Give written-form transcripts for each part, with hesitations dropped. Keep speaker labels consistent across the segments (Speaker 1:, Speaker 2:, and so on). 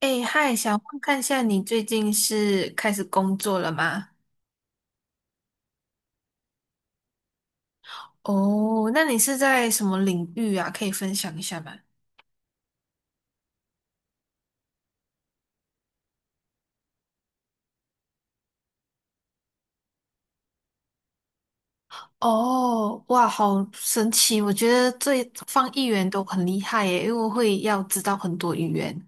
Speaker 1: 哎，嗨，想问看一下你最近是开始工作了吗？哦，那你是在什么领域啊？可以分享一下吗？哦，哇，好神奇！我觉得这方议员都很厉害耶，因为会要知道很多语言。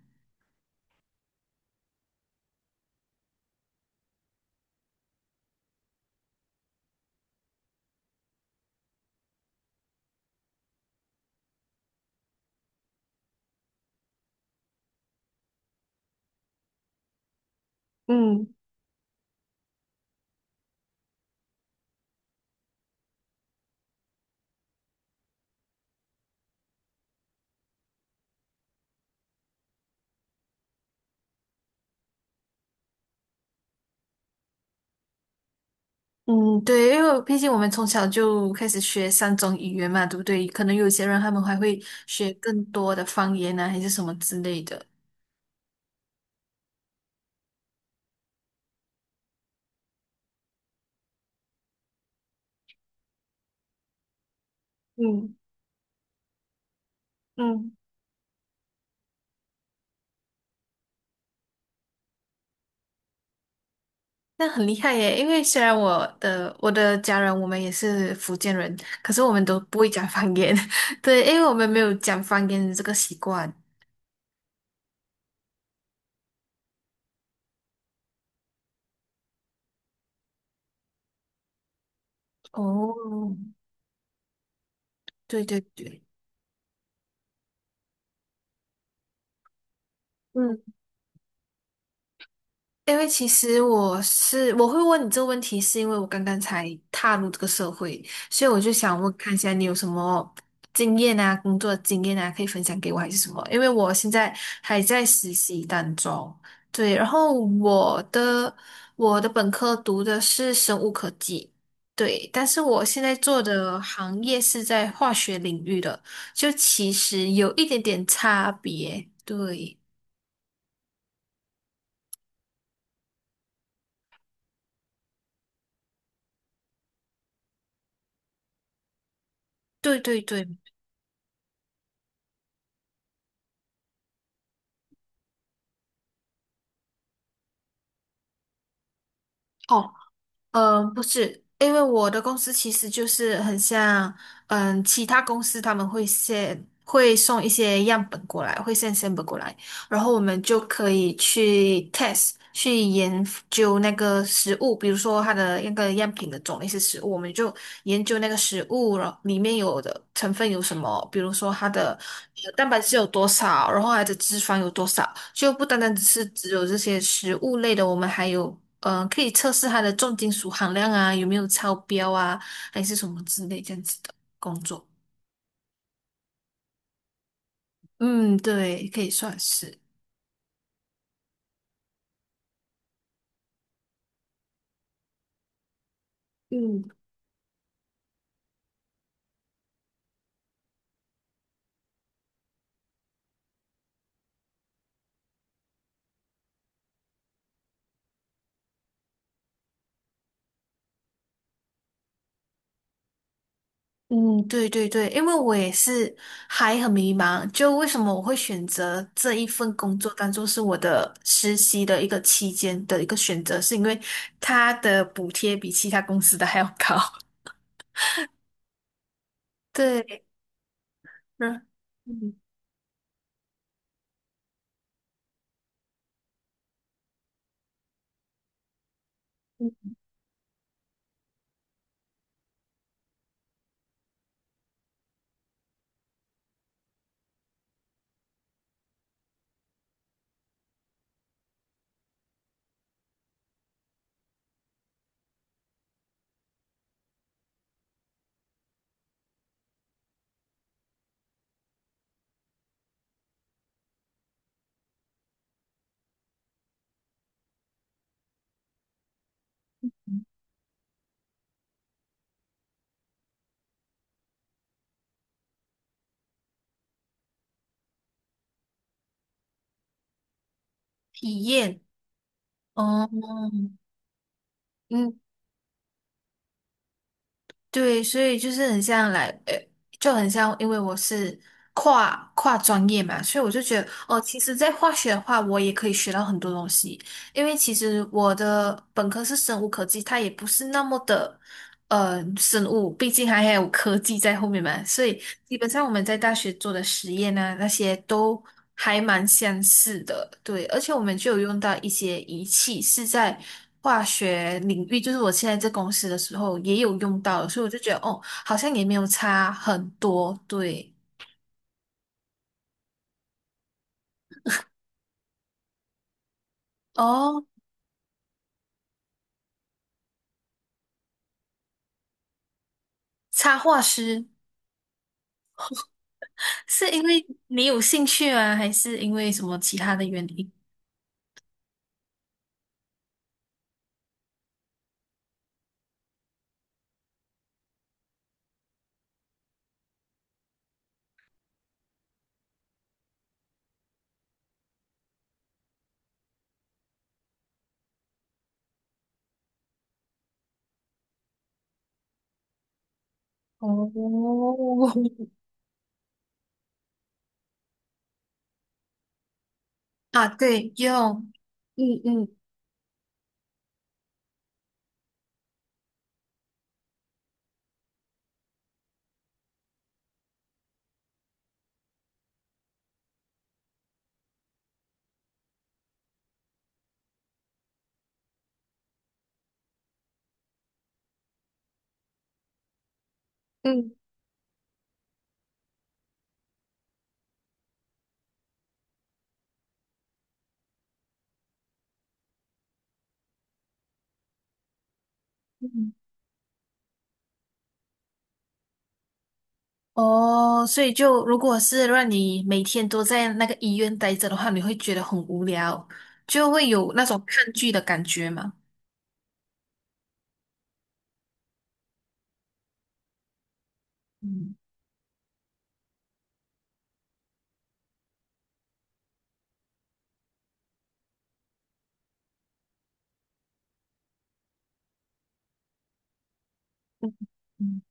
Speaker 1: 嗯嗯，对，因为毕竟我们从小就开始学三种语言嘛，对不对？可能有些人他们还会学更多的方言啊，还是什么之类的。嗯嗯。那很厉害耶，因为虽然我的家人我们也是福建人，可是我们都不会讲方言，对，因为我们没有讲方言的这个习惯。哦，对对对，嗯。因为其实我会问你这个问题，是因为我刚刚才踏入这个社会，所以我就想问看一下你有什么经验啊，工作经验啊，可以分享给我还是什么？因为我现在还在实习当中，对，然后我的本科读的是生物科技，对，但是我现在做的行业是在化学领域的，就其实有一点点差别，对，对对对。哦。嗯，不是，因为我的公司其实就是很像，其他公司他们会先会送一些样本过来，会先 s a m 过来，然后我们就可以去 test 去研究那个食物，比如说它的那个样品的种类是食物，我们就研究那个食物了里面有的成分有什么，比如说它的蛋白质有多少，然后它的脂肪有多少，就不单单只是只有这些食物类的，我们还有可以测试它的重金属含量啊，有没有超标啊，还是什么之类这样子的工作。嗯，对，可以算是。嗯。嗯，对对对，因为我也是还很迷茫，就为什么我会选择这一份工作当做是我的实习的一个期间的一个选择，是因为它的补贴比其他公司的还要高。对，嗯嗯，体验，哦，嗯，对，所以就是很像来，就很像，因为我是跨专业嘛，所以我就觉得，哦，其实，在化学的话，我也可以学到很多东西，因为其实我的本科是生物科技，它也不是那么的，生物，毕竟还有科技在后面嘛，所以基本上我们在大学做的实验呢，那些都还蛮相似的，对，而且我们就有用到一些仪器，是在化学领域，就是我现在在公司的时候也有用到的所以我就觉得哦，好像也没有差很多，对，哦，插画师是因为你有兴趣吗？还是因为什么其他的原因？哦，啊，对，用，嗯嗯嗯。嗯哦，所以就如果是让你每天都在那个医院待着的话，你会觉得很无聊，就会有那种抗拒的感觉嘛。嗯嗯嗯，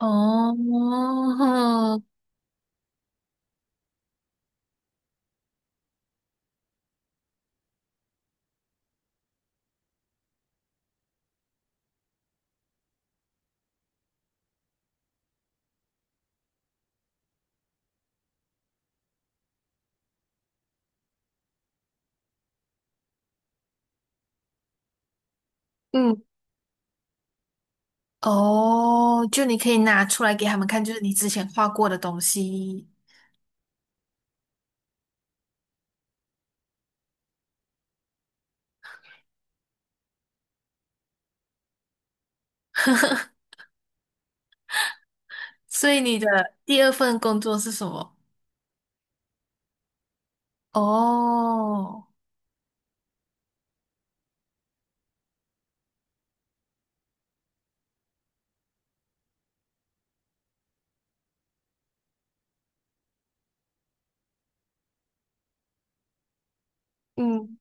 Speaker 1: 哦，嗯哦，就你可以拿出来给他们看，就是你之前画过的东西。所以你的第二份工作是什么？哦，嗯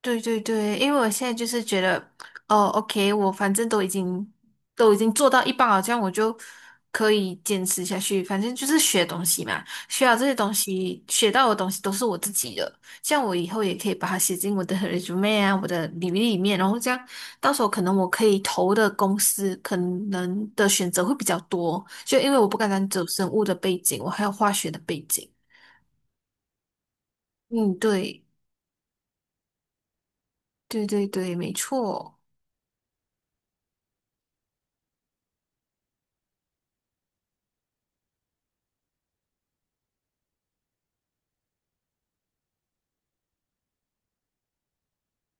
Speaker 1: 对对对，因为我现在就是觉得，哦，OK，我反正都已经做到一半了，这样我就可以坚持下去。反正就是学东西嘛，学好这些东西，学到的东西都是我自己的，像我以后也可以把它写进我的 resume 啊，我的履历里面，然后这样到时候可能我可以投的公司可能的选择会比较多，就因为我不单单走生物的背景，我还有化学的背景。嗯，对对对对，没错。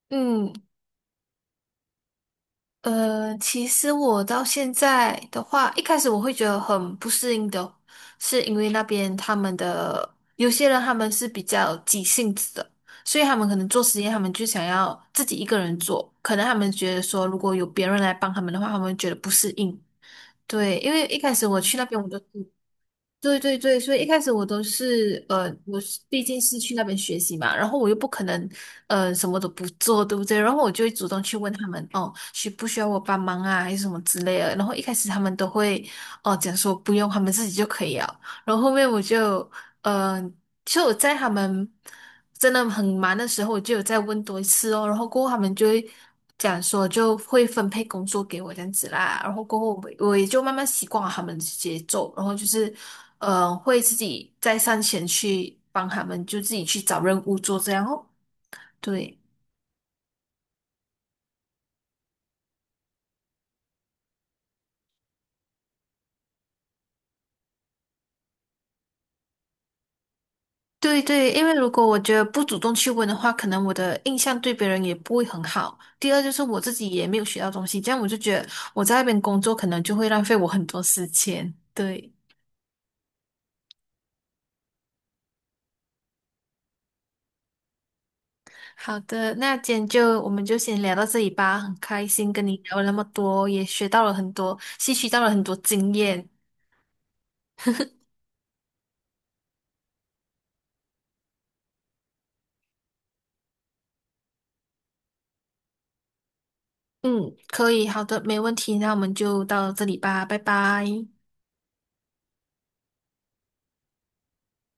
Speaker 1: 嗯。其实我到现在的话，一开始我会觉得很不适应的，是因为那边他们的有些人他们是比较急性子的，所以他们可能做实验，他们就想要自己一个人做，可能他们觉得说如果有别人来帮他们的话，他们会觉得不适应。对，因为一开始我去那边，我都是对对对，所以一开始我都是我是毕竟是去那边学习嘛，然后我又不可能什么都不做，对不对？然后我就会主动去问他们哦，需不需要我帮忙啊，还是什么之类的。然后一开始他们都会哦、讲说不用，他们自己就可以了。然后后面我就嗯。其实我在他们真的很忙的时候，我就有再问多一次哦，然后过后他们就会讲说就会分配工作给我这样子啦，然后过后我也就慢慢习惯了他们的节奏，然后就是会自己再上前去帮他们，就自己去找任务做这样哦，对。对对，因为如果我觉得不主动去问的话，可能我的印象对别人也不会很好。第二就是我自己也没有学到东西，这样我就觉得我在那边工作可能就会浪费我很多时间。对。好的，那今天就我们就先聊到这里吧。很开心跟你聊了那么多，也学到了很多，吸取到了很多经验。嗯，可以，好的，没问题。那我们就到这里吧，拜拜。